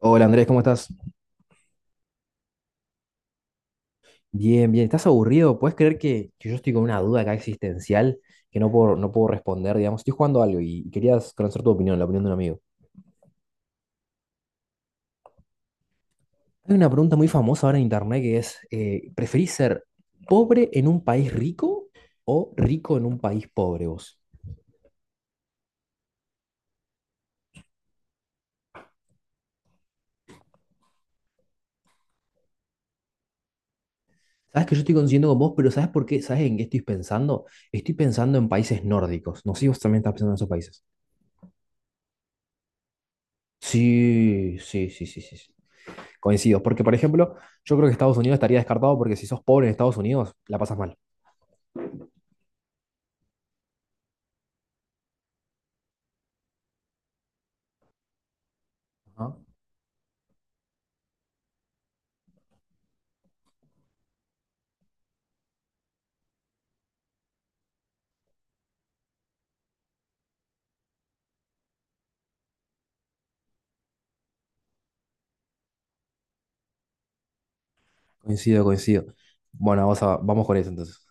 Hola Andrés, ¿cómo estás? Bien, bien. ¿Estás aburrido? ¿Puedes creer que yo estoy con una duda acá existencial que no puedo responder, digamos? Estoy jugando algo y querías conocer tu opinión, la opinión de un amigo. Hay una pregunta muy famosa ahora en internet que es, ¿preferís ser pobre en un país rico o rico en un país pobre vos? Sabes que yo estoy coincidiendo con vos, pero ¿sabes por qué? ¿Sabes en qué estoy pensando? Estoy pensando en países nórdicos. No sé si vos también estás pensando en esos países. Sí, sí, sí, sí, sí, sí. Coincido, porque por ejemplo, yo creo que Estados Unidos estaría descartado porque si sos pobre en Estados Unidos, la pasas mal. Ajá. Coincido, coincido. Bueno, vamos, vamos con eso entonces.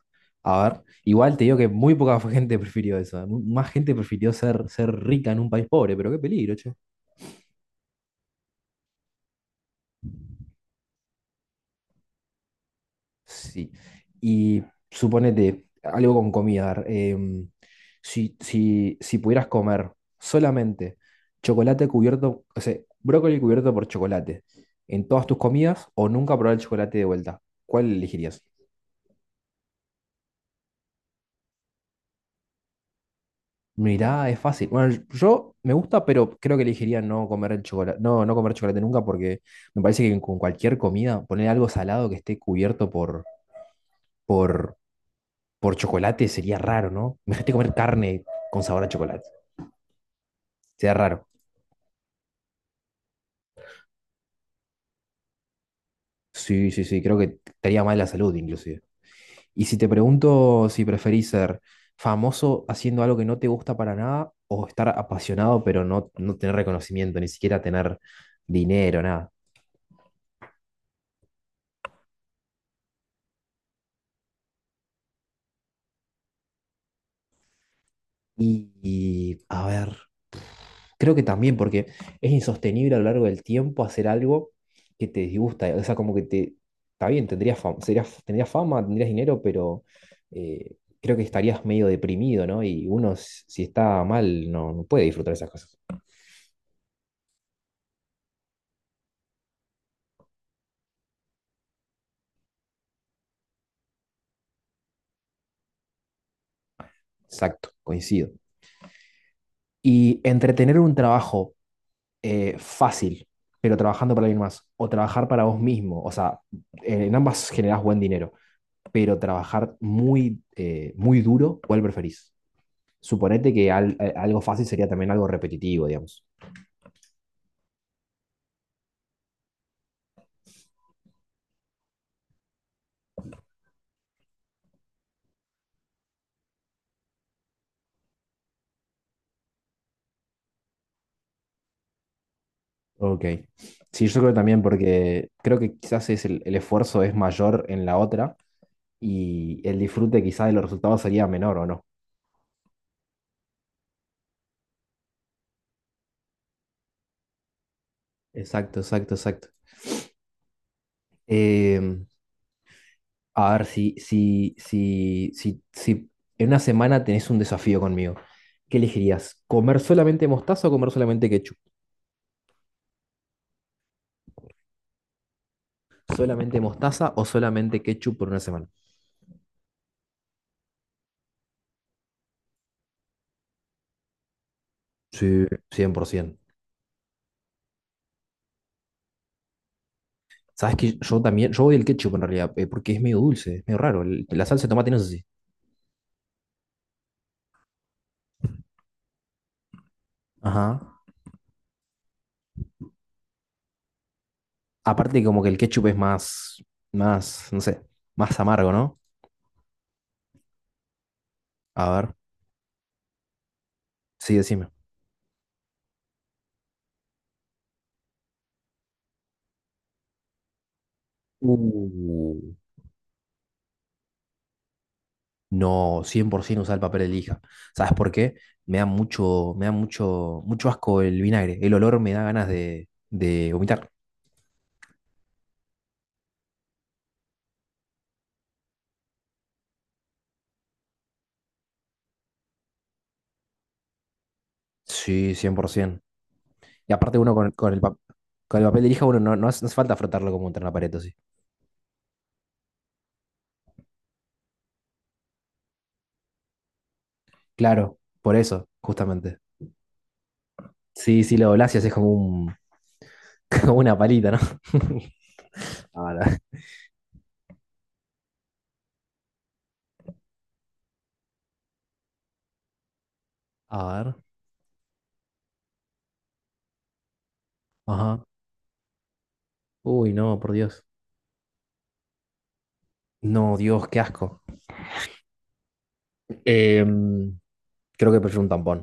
A ver, igual te digo que muy poca gente prefirió eso, ¿eh? Más gente prefirió ser rica en un país pobre, pero qué peligro, che. Sí. Y suponete, algo con comida. Si pudieras comer solamente chocolate cubierto, o sea, brócoli cubierto por chocolate en todas tus comidas o nunca probar el chocolate de vuelta, ¿cuál elegirías? Mirá, es fácil. Bueno, yo me gusta, pero creo que elegiría no comer el chocolate, no, no comer chocolate nunca porque me parece que con cualquier comida poner algo salado que esté cubierto por, por chocolate sería raro, ¿no? Imagínate comer carne con sabor a chocolate. Sería raro. Sí, sí, sí, creo que estaría mal la salud inclusive. Y si te pregunto si preferís ser famoso haciendo algo que no te gusta para nada o estar apasionado pero no, no tener reconocimiento, ni siquiera tener dinero, nada. A ver, creo que también, porque es insostenible a lo largo del tiempo hacer algo que te disgusta. O sea, como que te. Está bien, tendrías fama, tendrías fama, tendrías dinero, pero creo que estarías medio deprimido, ¿no? Y uno, si está mal, no, no puede disfrutar esas cosas. Exacto, coincido. Y entretener un trabajo fácil, pero trabajando para alguien más, o trabajar para vos mismo, o sea, en ambas generás buen dinero, pero trabajar muy, muy duro, ¿cuál preferís? Suponete que algo fácil sería también algo repetitivo, digamos. Ok. Sí, yo creo también porque creo que quizás es el esfuerzo es mayor en la otra y el disfrute quizás de los resultados sería menor o no. Exacto, exacto, exacto. Em, a ver, si en una semana tenés un desafío conmigo, ¿qué elegirías? ¿Comer solamente mostaza o comer solamente ketchup? ¿Solamente mostaza o solamente ketchup por una semana? Sí, 100%. Sabes que yo también, yo odio el ketchup en realidad, porque es medio dulce, es medio raro. La salsa de tomate no es así. Ajá. Aparte, como que el ketchup es más, más, no sé, más amargo, ¿no? A ver, sí, decime. Uh. No, 100% usar el papel de lija. ¿Sabes por qué? Me da mucho, mucho asco el vinagre. El olor me da ganas de vomitar. Sí, 100%. Y aparte uno con, con el papel de lija, uno no, no hace, no hace falta frotarlo como contra una pared, sí. Claro, por eso, justamente. Sí, sí, lo doblás y haces como un, como una palita, ¿no? Ah, la- A ver. Ajá. Uy, no, por Dios. No, Dios, qué asco. Em, creo que prefiero un tampón.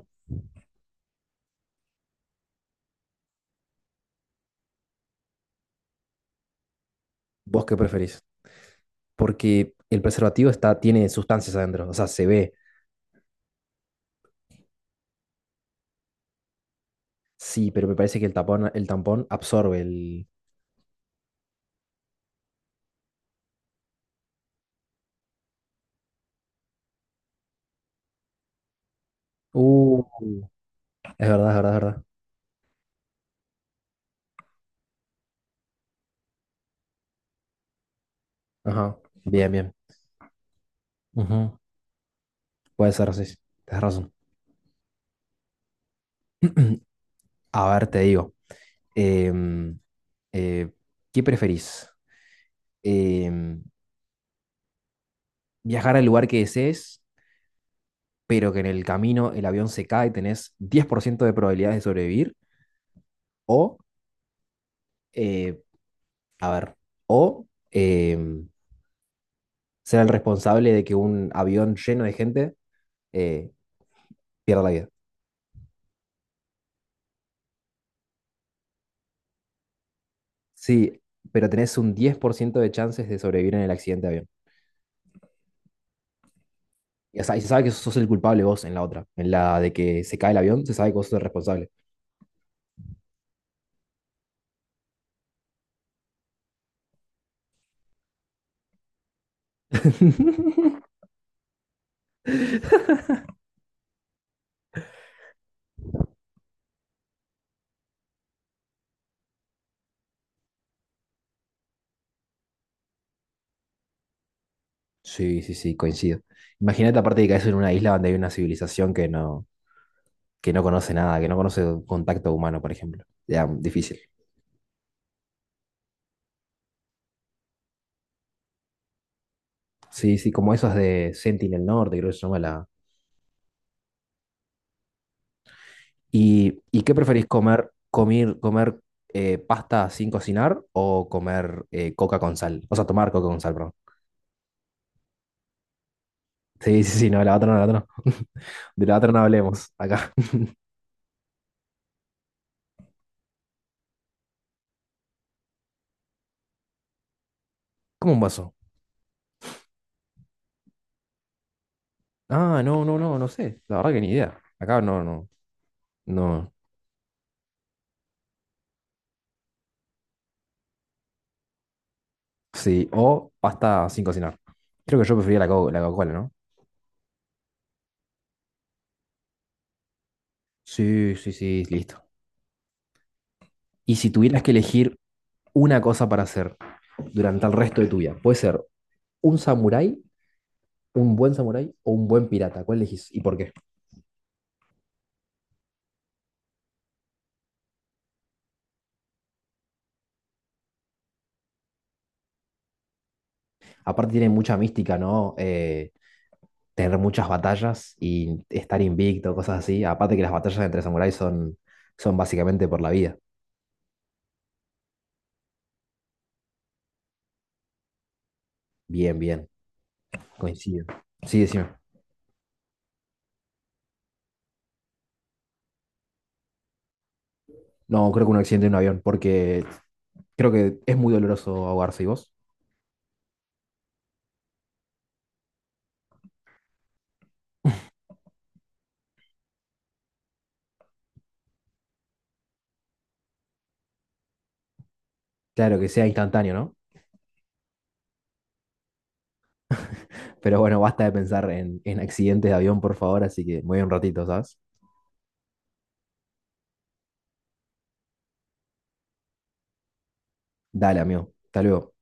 ¿Vos qué preferís? Porque el preservativo está, tiene sustancias adentro. O sea, se ve. Sí, pero me parece que el tapón, el tampón absorbe el. Uh, es verdad, es verdad, es verdad. Ajá. Bien, bien. Ujú. Puede ser así. Tienes razón. A ver, te digo. Em, eh, ¿Qué preferís? em, viajar al lugar que desees, pero que en el camino el avión se cae, tenés 10% de probabilidades de sobrevivir, o, eh, a ver, o em, ser el responsable de que un avión lleno de gente eh, pierda la vida. Sí, pero tenés un 10% de chances de sobrevivir en el accidente de avión. Y, o sea, y se sabe que sos el culpable vos en la otra, en la de que se cae el avión, se sabe que vos sos el responsable. Sí, sí, sí, coincido. Imagínate aparte de que caes en una isla donde hay una civilización que no conoce nada, que no conoce contacto humano, por ejemplo. Ya, difícil. Sí, sí, como esas de Sentinel Norte, creo que se llama la. ¿Y qué preferís comer? ¿Comer, comer pasta sin cocinar o comer coca con sal? O sea, tomar coca con sal, perdón. Sí, sí, sí, no, la otra no, la otra no. De la otra no hablemos, acá. ¿Cómo un vaso? Ah, no, no, no, no sé. La verdad que ni idea. Acá no, no, no. Sí, o pasta sin cocinar. Creo que yo prefería la Coca-Cola, ¿no? Sí, sí, sí, listo. Y si tuvieras que elegir una cosa para hacer durante el resto de tu vida. Puede ser un samurái, un buen samurái o un buen pirata. ¿Cuál elegís y por qué? Aparte tiene mucha mística, ¿no? Tener muchas batallas y estar invicto, cosas así. Aparte que las batallas entre samuráis son, son básicamente por la vida. Bien, bien, coincido. Sí, decime. No, creo que un accidente en un avión, porque creo que es muy doloroso ahogarse y vos. Claro que sea instantáneo, ¿no? Pero bueno, basta de pensar en accidentes de avión, por favor, así que me voy un ratito, ¿sabes? Dale, amigo. Hasta luego.